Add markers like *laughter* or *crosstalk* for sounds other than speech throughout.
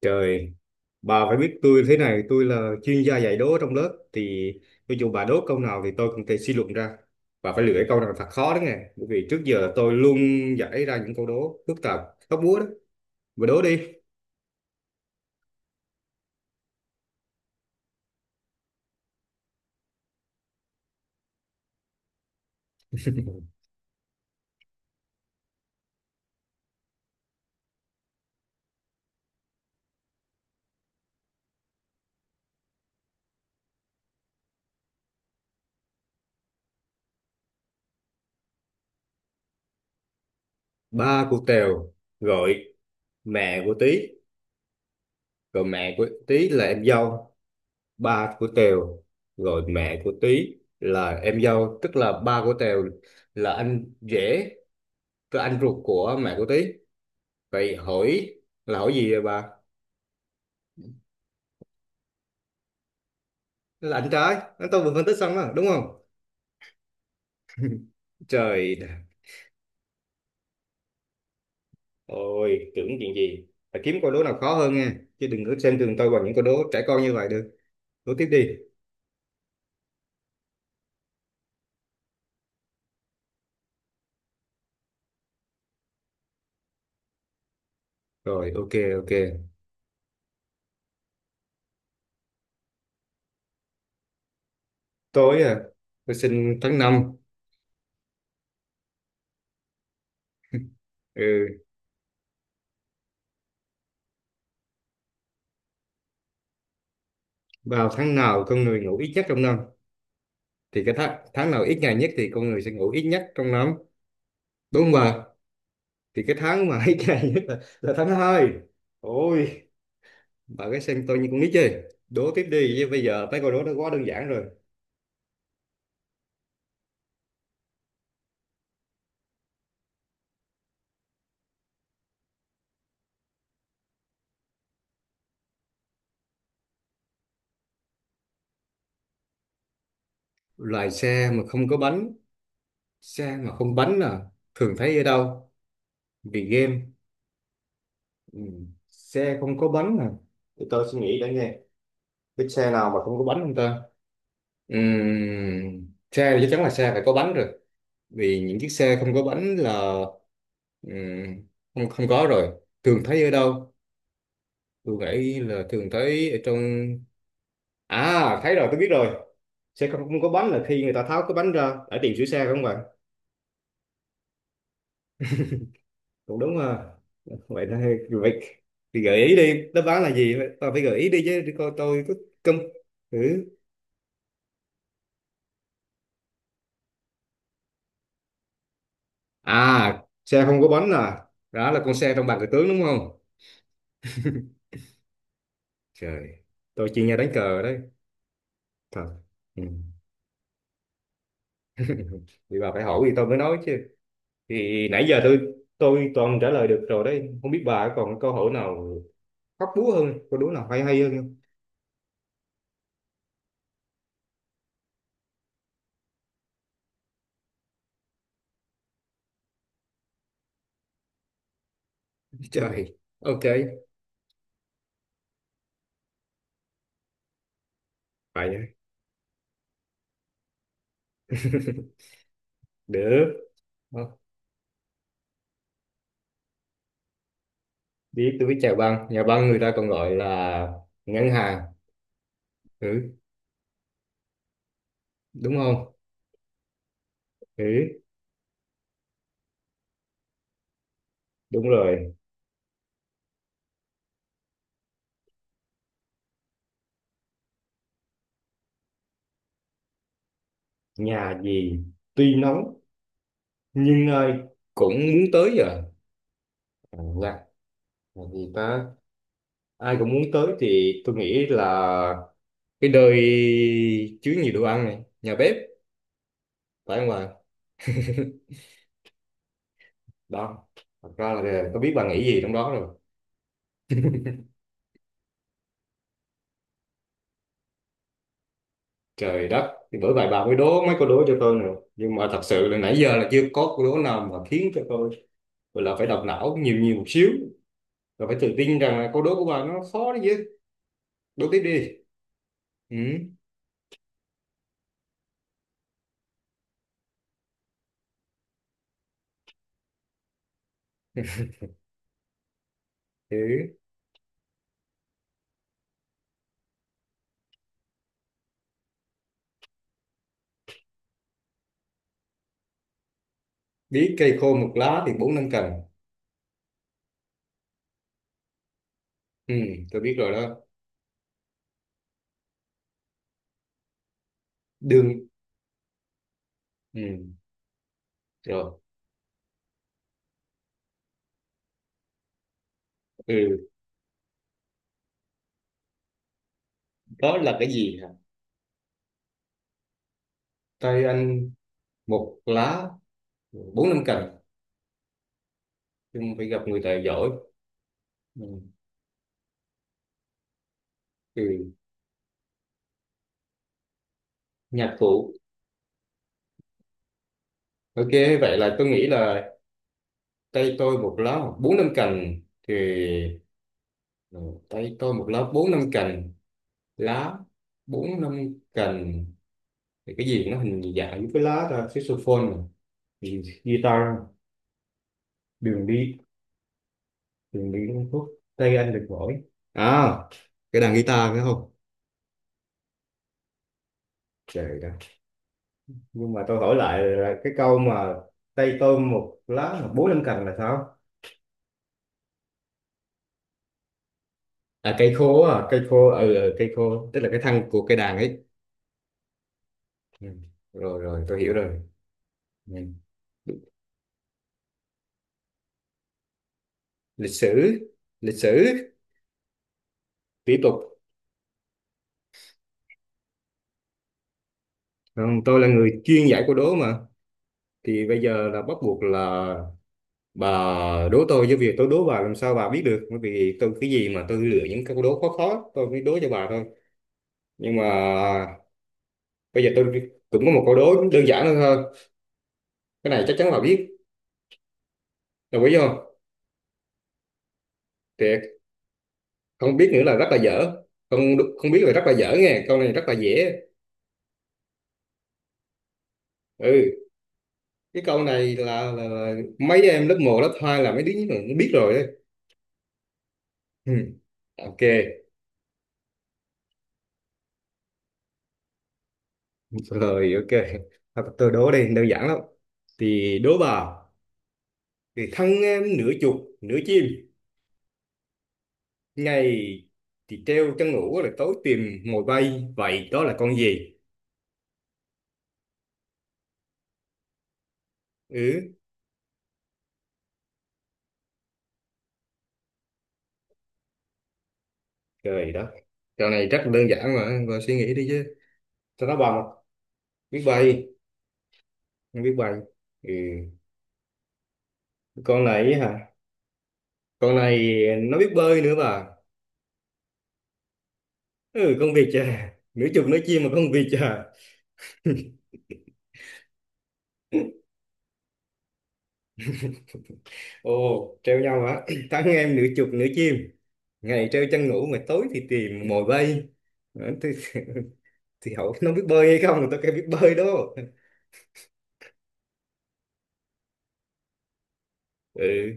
Trời, bà phải biết tôi thế này, tôi là chuyên gia dạy đố trong lớp thì cho dù bà đố câu nào thì tôi cũng thể suy luận ra. Bà phải lựa câu nào thật khó đó nghe, bởi vì trước giờ tôi luôn giải ra những câu đố phức tạp, hóc búa đó. Bà đố đi. *laughs* Ba của Tèo gọi mẹ của Tí, rồi mẹ của Tí là em dâu. Ba của Tèo gọi mẹ của Tí là em dâu, tức là ba của Tèo là anh rể, tức là anh ruột của mẹ của Tí. Vậy hỏi là hỏi gì vậy bà? Lạnh trái anh tôi vừa phân tích xong đó đúng không? Trời ơi, tưởng chuyện gì. Phải kiếm câu đố nào khó hơn nha, chứ đừng có xem thường tôi bằng những câu đố trẻ con như vậy được. Đố tiếp đi. Rồi, ok ok. Tối à? Tôi sinh tháng năm. Ừ, vào tháng nào con người ngủ ít nhất trong năm? Thì cái tháng tháng nào ít ngày nhất thì con người sẽ ngủ ít nhất trong năm, đúng không bà? Thì cái tháng mà *laughs* ít ngày nhất là tháng hai. Ôi, bà cái xem tôi như con nít chơi. Đố tiếp đi chứ, bây giờ mấy câu đố nó quá đơn giản rồi. Loài xe mà không có bánh? Xe mà không bánh à? Thường thấy ở đâu? Vì game. Ừ. Xe không có bánh à? Để tôi suy nghĩ đã nghe, cái xe nào mà không có bánh không ta? Xe thì chắc chắn là xe phải có bánh rồi, vì những chiếc xe không có bánh là ừm, không không có rồi. Thường thấy ở đâu? Tôi nghĩ là thường thấy ở trong. À, thấy rồi, tôi biết rồi. Xe không, không có bánh là khi người ta tháo cái bánh ra để tìm sửa xe, đúng không ạ? Cũng đúng ha. Vậy là vậy thì gợi ý đi, đáp án là gì, tao phải gợi ý đi chứ để coi tôi có cơm thử. À, xe không có bánh à, đó là con xe trong bàn cờ tướng đúng không? Trời, tôi chuyên gia đánh cờ đấy. Thật. Ừ. *laughs* Thì bà phải hỏi thì tôi mới nói chứ. Thì nãy giờ tôi toàn trả lời được rồi đấy, không biết bà còn câu hỏi nào hóc búa hơn, câu đố nào hay hay hơn không? Trời, ok vậy được. Ờ, biết, tôi biết. Chào băng, nhà băng người ta còn gọi là ngân hàng, ừ, đúng không? Ừ, đúng rồi. Nhà gì tuy nóng nhưng ai cũng muốn tới giờ? À, là gì ta? Ai cũng muốn tới thì tôi nghĩ là cái nơi chứa nhiều đồ ăn này, nhà bếp, phải không bà? Đó, thật ra là có biết bà nghĩ gì trong đó rồi. Trời đất, thì bởi vậy bà mới đố mấy câu đố cho tôi nữa, nhưng mà thật sự là nãy giờ là chưa có câu đố nào mà khiến cho tôi gọi là phải đọc não nhiều nhiều một xíu, rồi phải tự tin rằng là câu đố của bạn nó khó đấy chứ. Đố tiếp đi. Ừ. Thử. Biết, cây khô một lá thì bốn năm cần. Ừ. Tôi biết rồi đó. Đường. Ừ. Rồi. Ừ. Đó là cái gì hả? Tay anh một lá bốn năm cần nhưng phải gặp người tài giỏi. Ừ. Ừ. Nhạc cụ. Ok, vậy là tôi nghĩ là tay tôi một lá bốn năm cành thì ừ, tay tôi một lá bốn năm cành, lá bốn năm cành, thì cái gì nó hình dạng với cái lá ra saxophone mà. Guitar. Đường đi, đường đi uống thuốc, tay anh được mỗi. À, cái đàn guitar phải không? Trời đất. Nhưng mà tôi hỏi lại là cái câu mà tay tôm một lá mà bốn năm cành là sao? À cây khô, à cây khô, ừ, ừ cây khô tức là cái thân của cây đàn ấy. Ừ. Rồi rồi, tôi hiểu rồi. Ừ. Lịch sử. Lịch sử. Tiếp tục. Còn tôi là người chuyên giải câu đố mà, thì bây giờ là bắt buộc là bà đố tôi, với việc tôi đố bà làm sao bà biết được, bởi vì tôi cái gì mà tôi lựa những câu đố khó khó tôi mới đố cho bà thôi. Nhưng mà bây giờ tôi cũng có một câu đố đơn giản hơn thôi, cái này chắc chắn bà biết, đồng ý không? Thiệt. Không biết nữa là rất là dở. Không, không biết là rất là dở, nghe câu này rất là dễ. Ừ, cái câu này là mấy đứa em lớp một lớp 2 là mấy đứa nó biết rồi đấy. Ừ. Ok. Rồi ok. Thôi, tôi đố đây đơn giản lắm, thì đố bà, thì thân em nửa chuột nửa chim, ngày thì treo trăng ngủ là tối tìm mồi bay. Vậy đó là con gì? Ừ, trời đất. Trò này rất là đơn giản mà, bà suy nghĩ đi chứ. Sao nó bà mà biết bay. Không biết bay. Ừ, con này ấy hả? Con này nó biết bơi nữa bà. Ừ, con vịt à? Nửa chục nửa chim mà con vịt à? Ồ, treo nhau hả? *clears throat* Thắng em nửa chục nửa chim, ngày treo trăng ngủ mà tối thì tìm mồi bay. Ừ, thì hỏi nó biết bơi hay không, tao kêu biết bơi đó. Ừ,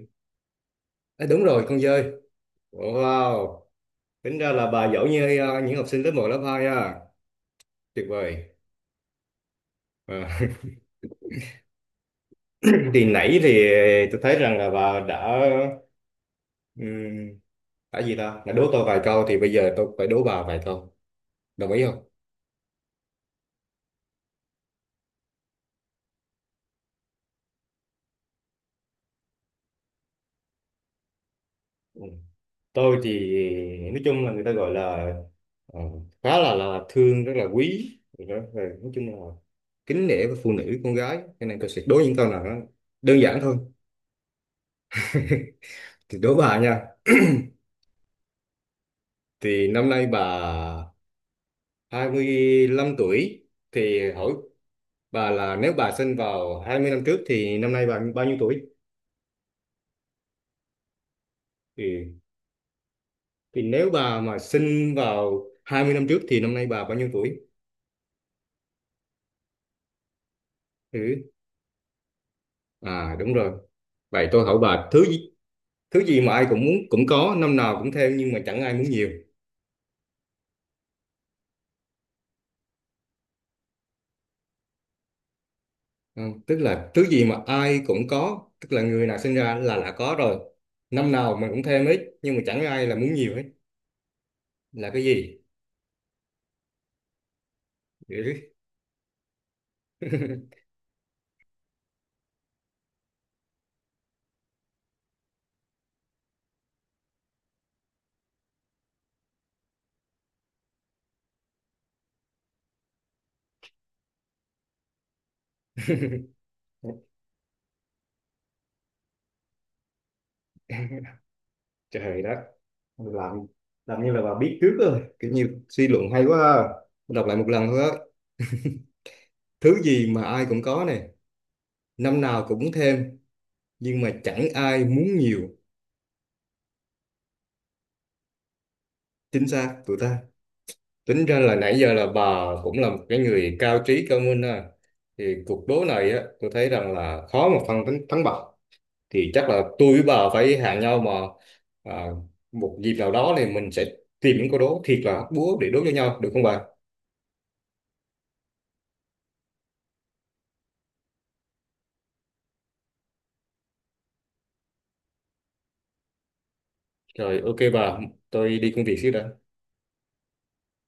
à, đúng rồi, con dơi. Wow, tính ra là bà giỏi như những học sinh lớp một lớp 2 ha. Tuyệt vời. À. *laughs* Thì nãy thì tôi thấy rằng là bà ừm, đã gì ta? Đã đố tôi vài câu thì bây giờ tôi phải đố bà vài câu. Đồng ý không? Ừ. Tôi thì nói chung là người ta gọi là ờ, khá là thương rất là quý. Rồi đó, rồi nói chung là kính nể với phụ nữ con gái, cho nên tôi sẽ đố những câu nào đó đơn giản thôi, thì đố bà nha. Thì năm nay bà 25 tuổi, thì hỏi bà là nếu bà sinh vào 20 năm trước thì năm nay bà bao nhiêu tuổi? Ừ. Thì nếu bà mà sinh vào 20 năm trước thì năm nay bà bao nhiêu tuổi? Ừ. À đúng rồi. Vậy tôi hỏi bà thứ gì mà ai cũng muốn cũng có, năm nào cũng theo nhưng mà chẳng ai muốn nhiều. Ừ. Tức là thứ gì mà ai cũng có, tức là người nào sinh ra là đã có rồi. Năm nào mình cũng thêm hết nhưng mà chẳng ai là muốn nhiều hết. Là cái gì? Ừ. *laughs* Trời đất. Làm như là bà biết trước rồi, kiểu như suy luận hay quá ha. Tôi đọc lại một lần thôi á, thứ gì mà ai cũng có này, năm nào cũng thêm nhưng mà chẳng ai muốn nhiều. Chính xác tụi ta. Tính ra là nãy giờ là bà cũng là một cái người cao trí cao minh ha. Thì cuộc đố này á tôi thấy rằng là khó mà phân thắng, thắng bại, thì chắc là tôi với bà phải hẹn nhau mà à, một dịp nào đó thì mình sẽ tìm những câu đố thiệt là hóc búa để đố cho nhau, được không bà? Rồi ok bà, tôi đi công việc xíu đã.